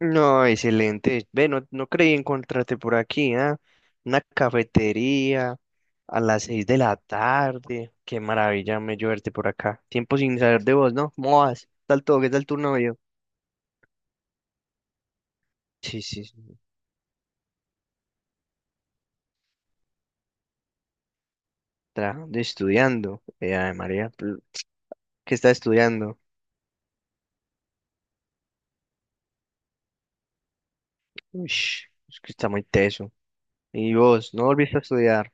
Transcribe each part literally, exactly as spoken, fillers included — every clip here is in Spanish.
No, excelente. Ve, no, no creí encontrarte por aquí, ¿ah? Una cafetería a las seis de la tarde. Qué maravilla me yo verte por acá. Tiempo sin saber de vos, ¿no? ¿Cómo vas? ¿Qué tal todo? ¿Qué tal tu novio? Sí, sí, sí. Trabajando, y estudiando. Eh, ay, María, pl- ¿qué está estudiando? Ush, es que está muy teso. ¿Y vos? ¿No volviste a estudiar?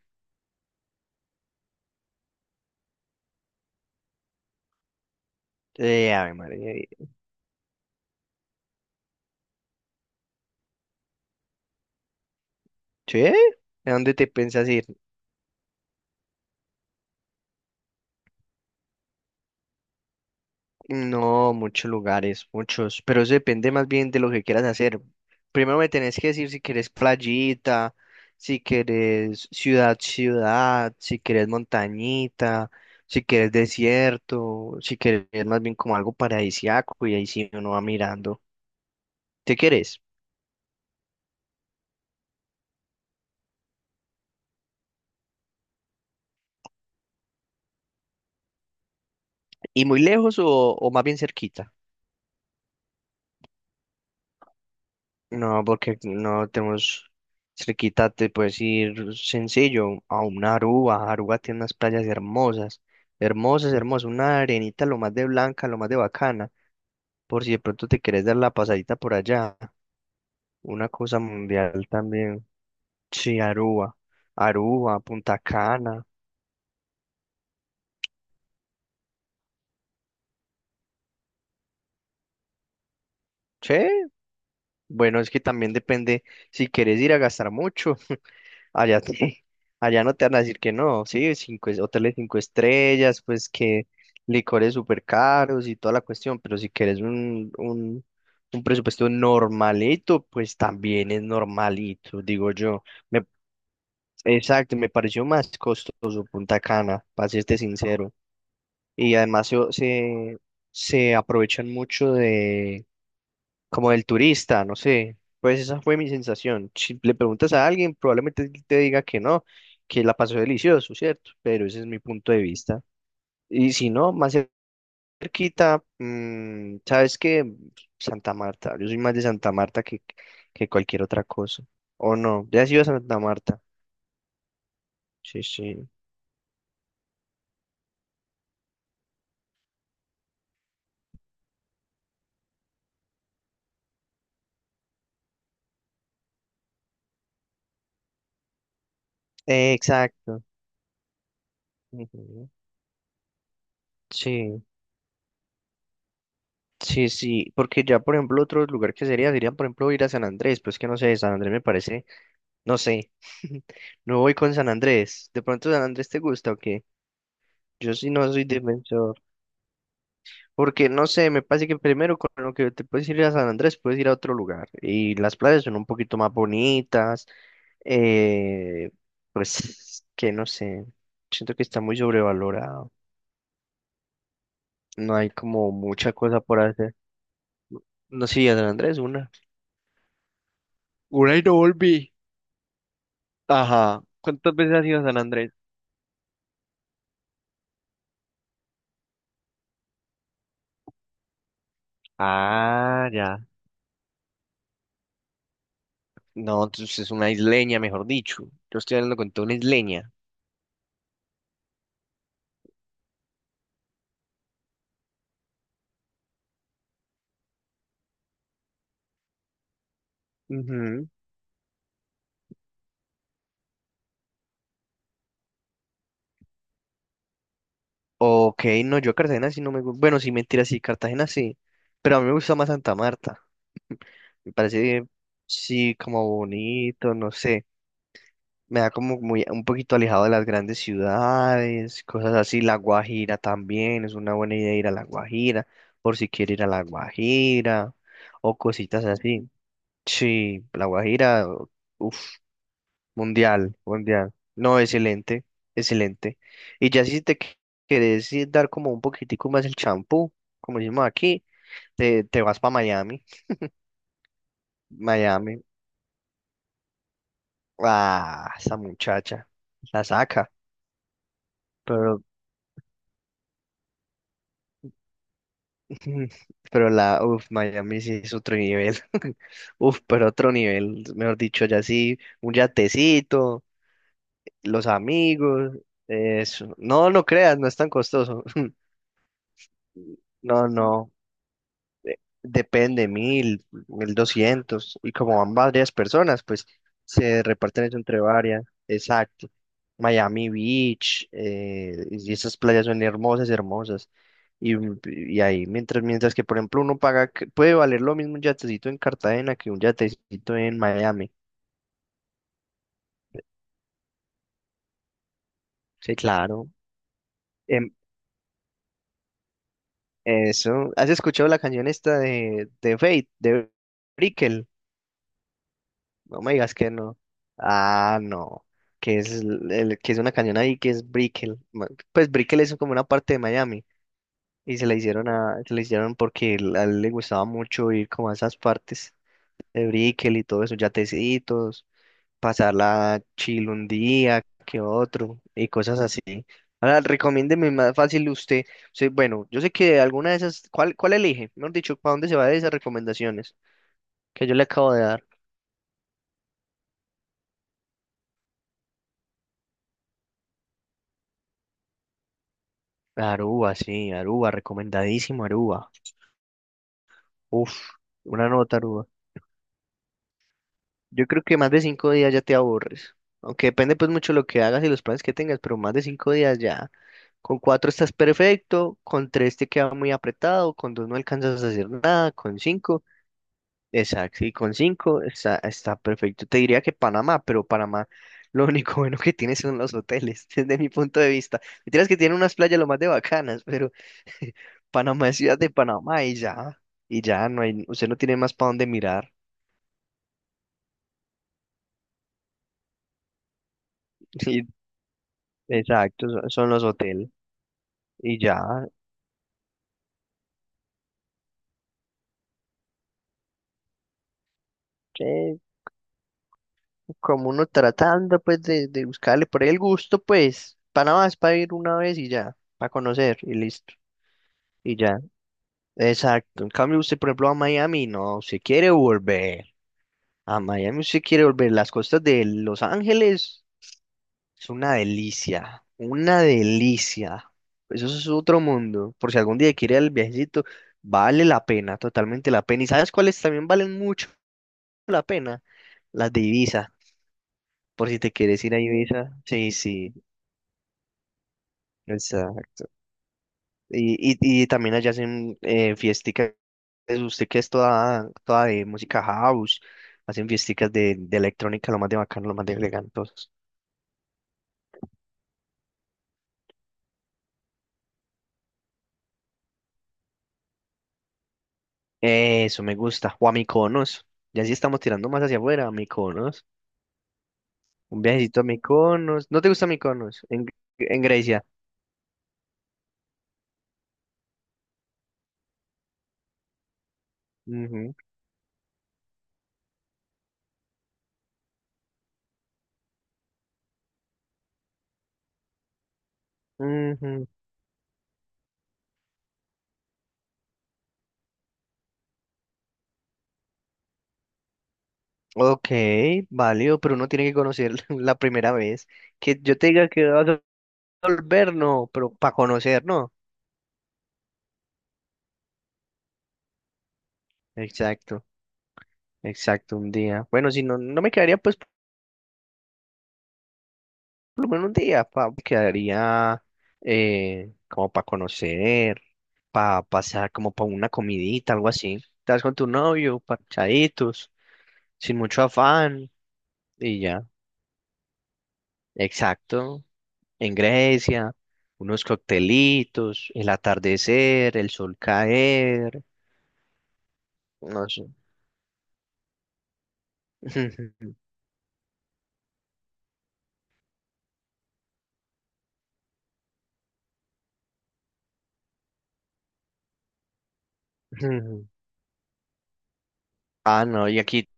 Eh, Ave María. ¿Sí? ¿A dónde te pensás ir? No, muchos lugares, muchos, pero eso depende más bien de lo que quieras hacer. Primero me tenés que decir si querés playita, si querés ciudad, ciudad, si querés montañita, si querés desierto, si querés más bien como algo paradisíaco y ahí sí uno va mirando. ¿Te querés? ¿Y muy lejos o, o más bien cerquita? No, porque no tenemos cerquita, te puedes ir sencillo a una Aruba. Aruba tiene unas playas hermosas, hermosas, hermosas. Una arenita lo más de blanca, lo más de bacana. Por si de pronto te quieres dar la pasadita por allá. Una cosa mundial también. Sí, Aruba. Aruba, Punta Cana. Sí, bueno, es que también depende si quieres ir a gastar mucho. Allá, te- allá no te van a decir que no, sí, cinco, es- hoteles cinco estrellas, pues que licores súper caros y toda la cuestión, pero si quieres un, un, un presupuesto normalito, pues también es normalito, digo yo. Me, exacto, me pareció más costoso Punta Cana, para serte sincero. Y además se, se, se aprovechan mucho de como del turista, no sé. Pues esa fue mi sensación. Si le preguntas a alguien, probablemente te diga que no, que la pasó delicioso, ¿cierto? Pero ese es mi punto de vista. Y si no, más cerquita, mm, ¿sabes qué? Santa Marta. Yo soy más de Santa Marta que, que cualquier otra cosa. ¿O no? ¿Ya has ido a Santa Marta? Sí, sí. Eh, exacto. Ujú. Sí. Sí, sí, porque ya, por ejemplo, otro lugar que sería, serían, por ejemplo, ir a San Andrés, pues que no sé, San Andrés me parece, no sé, no voy con San Andrés, de pronto San Andrés te gusta o qué, yo sí no soy defensor, porque no sé, me parece que primero con lo que te puedes ir a San Andrés, puedes ir a otro lugar, y las playas son un poquito más bonitas, eh, pues que no sé, siento que está muy sobrevalorado, no hay como mucha cosa por hacer, no sí, a San Andrés una. Una y no volví. Ajá. ¿Cuántas veces has ido a San Andrés? Ah, ya. No, entonces es una isleña, mejor dicho. Yo estoy hablando con toda una isleña. Ujú. Ok, no, yo a Cartagena sí no me gusta. Bueno, sí, mentira, sí, Cartagena sí. Pero a mí me gusta más Santa Marta. Me parece, sí, como bonito, no sé. Me da como muy, un poquito alejado de las grandes ciudades, cosas así. La Guajira también, es una buena idea ir a La Guajira, por si quiere ir a La Guajira, o cositas así. Sí, La Guajira, uff, mundial, mundial. No, excelente, excelente. Y ya si te qu- querés ir dar como un poquitico más el champú, como decimos aquí, te, te vas para Miami. Miami, ah, esa muchacha, la saca, pero, pero la, uff, Miami sí es otro nivel. Uf, pero otro nivel, mejor dicho, ya sí, un yatecito, los amigos, eso. No, no creas, no es tan costoso. No, no, depende, mil, mil doscientos. Y como van varias personas, pues se reparten eso entre varias. Exacto. Miami Beach, eh, y esas playas son hermosas, hermosas. Y, y ahí, mientras, mientras que, por ejemplo, uno paga, que- puede valer lo mismo un yatecito en Cartagena que un yatecito en Miami. Sí, claro. Em, eso. ¿Has escuchado la canción esta de, de Fate, de Brickell? No me digas que no. Ah, no. Que es, el- el- que es una cañón ahí que es Brickell. Ma- Pues Brickell es como una parte de Miami. Y se la hicieron a, se la hicieron porque él- a él le gustaba mucho ir como a esas partes de Brickell y todo eso, yatecitos, pasarla chill un día que otro y cosas así. Ahora, recomiéndeme más fácil usted. Sí, bueno, yo sé que alguna de esas, ¿cuál, cuál elige? Mejor dicho, ¿para dónde se va de esas recomendaciones que yo le acabo de dar? Aruba, sí, Aruba, recomendadísimo Aruba. Uf, una nota Aruba. Yo creo que más de cinco días ya te aburres. Aunque depende pues mucho lo que hagas y los planes que tengas, pero más de cinco días ya. Con cuatro estás perfecto, con tres te queda muy apretado, con dos no alcanzas a hacer nada, con cinco. Exacto, y con cinco está, está perfecto. Te diría que Panamá, pero Panamá lo único bueno que tiene son los hoteles, desde mi punto de vista. Mentiras que tiene unas playas lo más de bacanas, pero Panamá es ciudad de Panamá y ya, y ya no hay, usted no tiene más para dónde mirar. Y- exacto, so- son los hoteles y ya, que como uno tratando pues de, de buscarle por ahí el gusto, pues Panamá es para ir una vez y ya, para conocer y listo. Y ya. Exacto. En cambio, usted, por ejemplo, a Miami, no, se quiere volver. A Miami usted quiere volver. Las costas de Los Ángeles es una delicia, una delicia. Eso es otro mundo. Por si algún día quiere ir al viajecito, vale la pena, totalmente la pena. ¿Y sabes cuáles también valen mucho la pena? Las de Ibiza. Por si te quieres ir a Ibiza. Sí, sí, exacto. Y, y, y también allá hacen eh, fiesticas, usted que es toda, toda de música house, hacen fiesticas de, de electrónica, lo más de bacano, lo más de elegantosos. Eso me gusta. O a Mykonos. Ya sí estamos tirando más hacia afuera, a Mykonos. Un viajecito a Mykonos. ¿No te gusta Mykonos? En, en Grecia. Ujú, ujú. Ok, válido, pero uno tiene que conocer la primera vez. Que yo te diga que vas a volver, no, pero para conocer, no. Exacto. Exacto, un día. Bueno, si no, no me quedaría pues por lo menos un día, pa, me quedaría eh, como para conocer, para pasar como para una comidita, algo así. Estás con tu novio, parchaditos, sin mucho afán y ya. Exacto, en Grecia, unos coctelitos, el atardecer, el sol caer, no sé. Ah, no, y aquí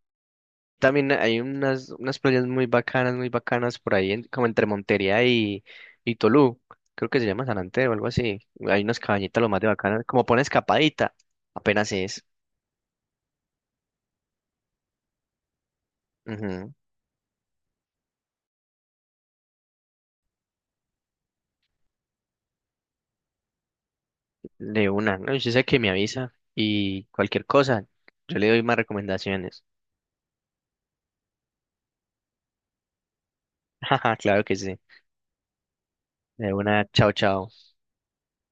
también hay unas, unas playas muy bacanas, muy bacanas por ahí, en- como entre Montería y, y Tolú. Creo que se llama San Andrés o algo así. Hay unas cabañitas lo más de bacanas. Como pone escapadita, apenas es. Ujú. De una, ¿no? Yo sé que me avisa y cualquier cosa, yo le doy más recomendaciones. Jaja, claro que sí. De una, chao, chao.